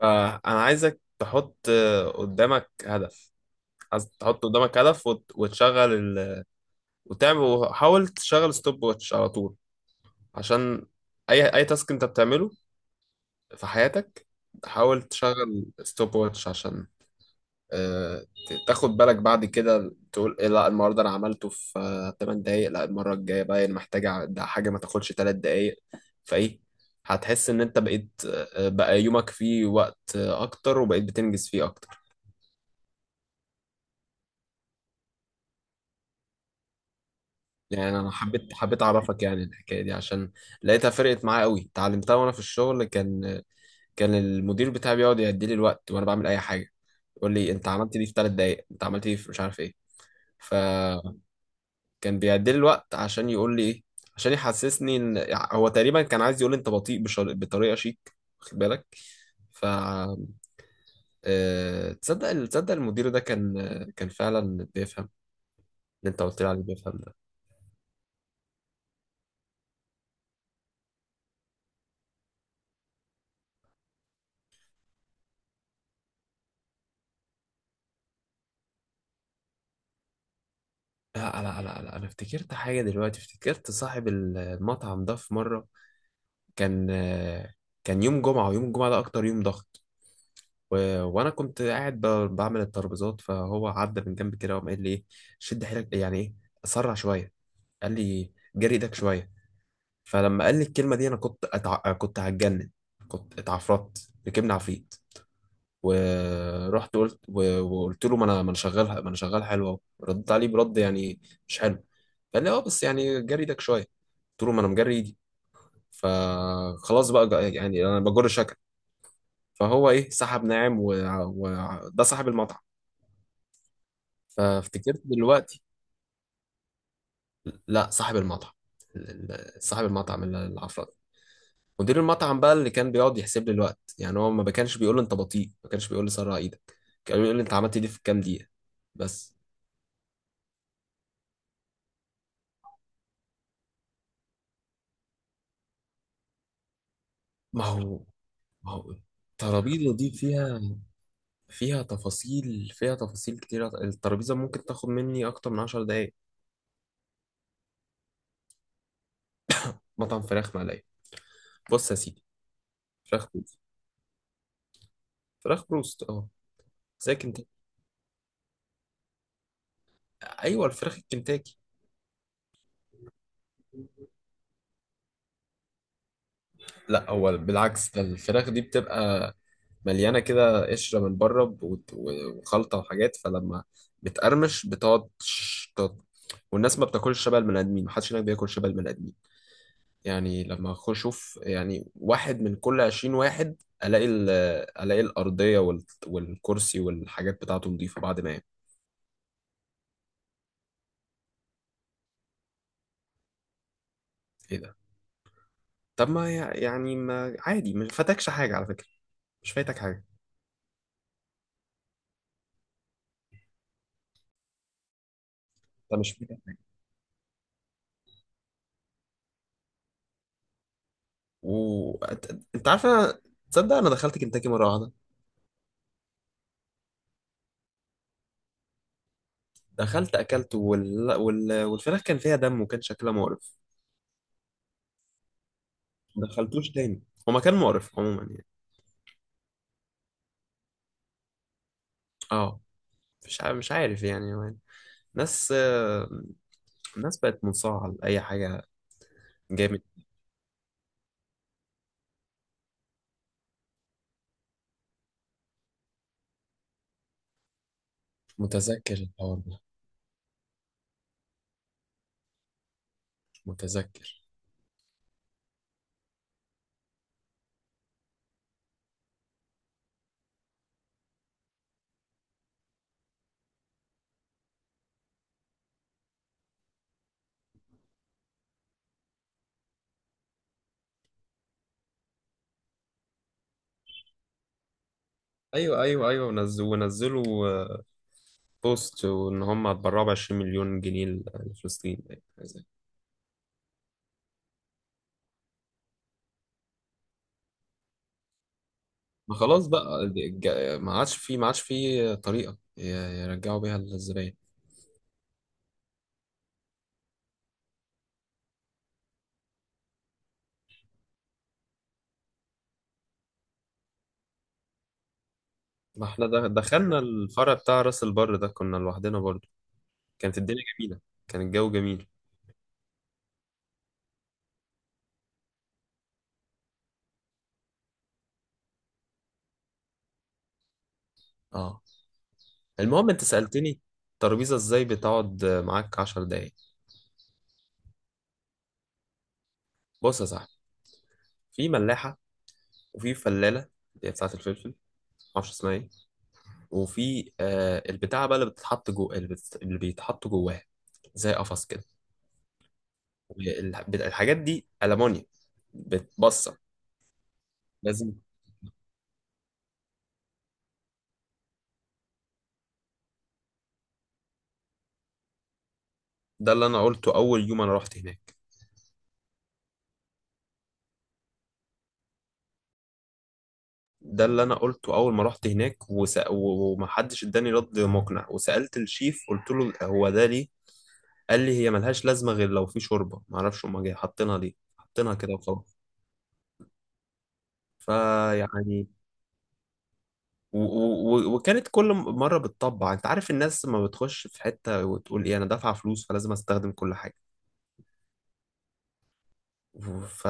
فأنا عايزك تحط قدامك هدف. عايز تحط قدامك هدف وتشغل وتعمل وحاول تشغل ستوب واتش على طول. عشان أي تاسك أنت بتعمله في حياتك، حاول تشغل ستوب واتش. عشان آه، تاخد بالك. بعد كده تقول إيه، لا النهاردة أنا عملته في 8 دقايق، لا المرة الجاية بقى أنا ده حاجة ما تاخدش 3 دقايق. فإيه، هتحس إن أنت بقيت بقى يومك فيه وقت أكتر وبقيت بتنجز فيه أكتر. يعني انا حبيت اعرفك يعني الحكايه دي، عشان لقيتها فرقت معايا قوي. اتعلمتها وانا في الشغل. كان المدير بتاعي بيقعد يدي لي الوقت وانا بعمل اي حاجه، يقول لي انت عملت دي في 3 دقائق، انت عملت دي في مش عارف ايه. فكان بيعدي لي الوقت عشان يقول لي ايه، عشان يحسسني ان هو تقريبا كان عايز يقول لي انت بطريقه شيك، واخد بالك؟ ف آه، تصدق المدير ده كان فعلا بيفهم. اللي انت قلت لي عليه، بيفهم. لا لا لا لا، انا افتكرت حاجه دلوقتي. افتكرت صاحب المطعم ده، في مره كان كان يوم جمعه. ويوم الجمعه ده اكتر يوم ضغط. و... وانا كنت قاعد بعمل الترابيزات. فهو عدى من جنب كده وقام قال لي ايه، شد حيلك، يعني ايه، اسرع شويه، قال لي جري ايدك شويه. فلما قال لي الكلمه دي انا كنت هتجنن، كنت اتعفرت، ركبنا عفريت. ورحت وقلت له ما انا شغال ما انا شغال حلو اهو. ردت عليه برد يعني مش حلو. قال لي اه بس يعني جري ايدك شويه، قلت له ما انا مجري ايدي. فخلاص بقى يعني انا بجر شكل. فهو ايه، سحب ناعم. ده صاحب المطعم. فافتكرت دلوقتي، لا صاحب المطعم، صاحب المطعم العفرت. مدير المطعم بقى اللي كان بيقعد يحسب لي الوقت، يعني هو ما كانش بيقول لي انت بطيء، ما كانش بيقول لي سرع ايدك، كان بيقول لي انت عملت دي في كام دقيقه، بس. ما هو ما هو الترابيزة دي فيها تفاصيل، فيها تفاصيل كتيرة. الترابيزة ممكن تاخد مني أكتر من 10 دقايق. مطعم فراخ مقلية. بص يا سيدي، فراخ بروست. فراخ بروست اه، زي كنتاكي. أيوة الفراخ الكنتاكي. لا هو بالعكس، ده الفراخ دي بتبقى مليانة كده قشرة من بره، وخلطة وحاجات. فلما بتقرمش، بتقعد والناس ما بتاكلش شبه البني آدمين. محدش هناك بياكل شبه البني آدمين. يعني لما اخش اشوف، يعني واحد من كل 20 واحد الاقي الاقي الارضيه والكرسي والحاجات بتاعته نظيفه بعد ما ينام. ايه ده؟ طب ما يعني ما عادي، ما فاتكش حاجه على فكره، مش فايتك حاجه. انت مش فايتك حاجة. انت عارف انا، تصدق انا دخلت كنتاكي مره واحده، دخلت اكلت والفراخ كان فيها دم وكان شكلها مقرف. ما دخلتوش تاني. هو مكان مقرف عموما يعني. اه مش عارف، مش عارف يعني. ناس آه، الناس بقت منصاعة لأي حاجة جاية. متذكر الحوار ده؟ متذكر. ايوه ايوه ايوه، ونزلوا بوست وان هم هتبرعوا ب 20 مليون جنيه لفلسطين، يعني حاجة زي كده. ما خلاص بقى، ما عادش في طريقه يرجعوا بيها الزباين. ما احنا دخلنا الفرع بتاع راس البر ده، كنا لوحدنا برضو. كانت الدنيا جميله، كان الجو جميل. اه، المهم انت سالتني الترابيزه ازاي بتقعد معاك 10 دقايق. بص يا صاحبي، في ملاحه وفي فلاله اللي هي بتاعه الفلفل، معرفش اسمها ايه. وفي آه البتاعة بقى اللي بتتحط جوه اللي، اللي بيتحط جواها زي قفص كده. الحاجات دي ألمونيا بتبصر. لازم. ده اللي أنا قلته أول يوم أنا رحت هناك. ده اللي أنا قلته أول ما رحت هناك، ومحدش اداني رد مقنع. وسألت الشيف قلت له هو ده ليه؟ قال لي هي ملهاش لازمة غير لو في شوربة، معرفش هما جاي حاطينها ليه، حاطينها كده وخلاص. فيعني وكانت كل مرة بتطبع. انت عارف الناس ما بتخش في حتة وتقول ايه، انا دافعة فلوس فلازم استخدم كل حاجة. ف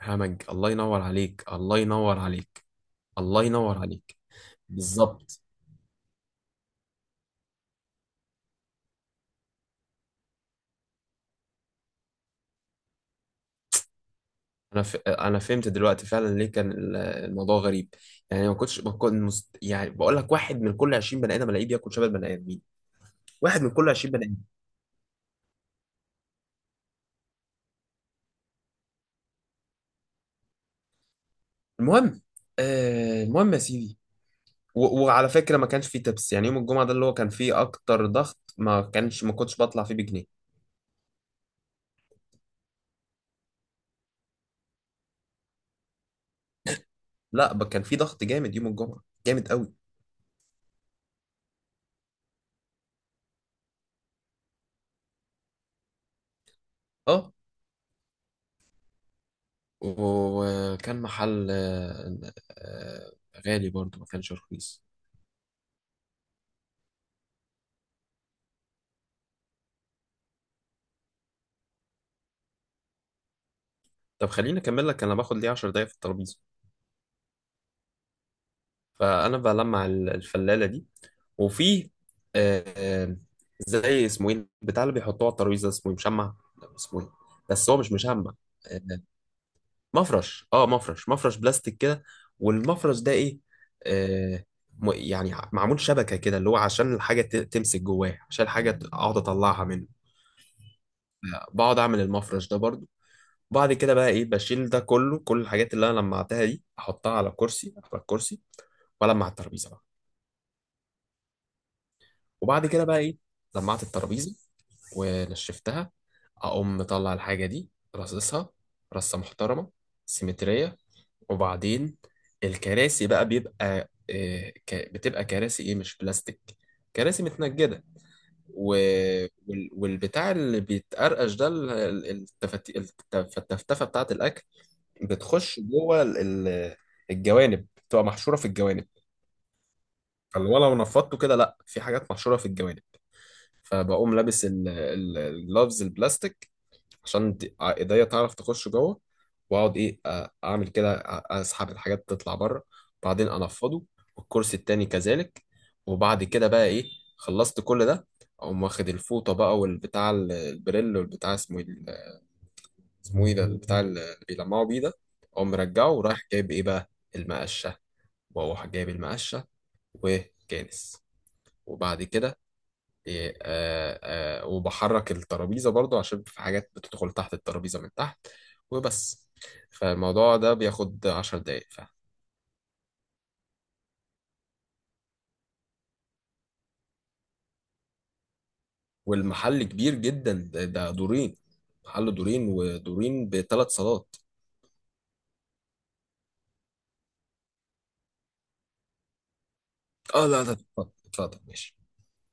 همج. الله ينور عليك، الله ينور عليك، الله ينور عليك. بالظبط. انا انا فهمت دلوقتي فعلا ليه كان الموضوع غريب. يعني ما كنتش ما كنت مست... يعني بقول لك واحد من كل 20 بني ادم الاقيه بياكل شبه البني ادمين. واحد من كل 20 بني ادم. المهم، المهم يا سيدي، وعلى فكرة ما كانش فيه تبس. يعني يوم الجمعة ده اللي هو كان فيه أكتر ضغط، ما كنتش بطلع فيه بجنيه. لا، كان فيه ضغط جامد يوم الجمعة، جامد قوي. اه. وكان محل غالي برضو، ما كانش رخيص. طب خليني اكمل لك انا باخد ليه 10 دقايق في الترابيزه. فانا بلمع الفلاله دي. وفي آه، آه، زي اسمه ايه بتاع اللي بيحطوه على الترابيزه اسمه ايه، مشمع. لا، اسمه ايه، بس هو مش مشمع. آه، مفرش اه مفرش مفرش بلاستيك كده. والمفرش ده ايه، آه يعني معمول شبكه كده، اللي هو عشان الحاجه تمسك جواه، عشان الحاجه اقعد اطلعها منه. بقعد اعمل المفرش ده برضو. بعد كده بقى ايه، بشيل ده كله، كل الحاجات اللي انا لمعتها دي احطها على كرسي، على الكرسي. والمع الترابيزه بقى. وبعد كده بقى ايه، لمعت الترابيزه ونشفتها. اقوم مطلع الحاجه دي، رصصها رصه محترمه سيمتريه. وبعدين الكراسي بقى، بتبقى كراسي ايه، مش بلاستيك، كراسي متنجدة. و... والبتاع اللي بيتقرقش ده، التفتفة بتاعة الأكل بتخش جوه ال- الجوانب، بتبقى محشورة في الجوانب. فاللي هو لو نفضته كده لا، في حاجات محشورة في الجوانب. فبقوم لابس الجلافز البلاستيك عشان ايديا تعرف تخش جوه. واقعد ايه، اعمل كده، اسحب الحاجات تطلع بره. بعدين انفضه. والكرسي التاني كذلك. وبعد كده بقى ايه، خلصت كل ده، اقوم واخد الفوطه بقى والبتاع البريل، والبتاع اسمه ايه اسمه ايه ده البتاع اللي بيلمعوا بيه ده. اقوم مرجعه ورايح جايب ايه بقى، المقشه. واروح جايب المقشه وكانس. وبعد كده إيه، وبحرك الترابيزة برضو عشان في حاجات بتدخل تحت الترابيزة من تحت. وبس. فالموضوع ده بياخد 10 دقايق فعلا. والمحل كبير جدا، ده دورين. محل دورين، ودورين ب3 صالات. اه لا لا، اتفضل اتفضل ماشي.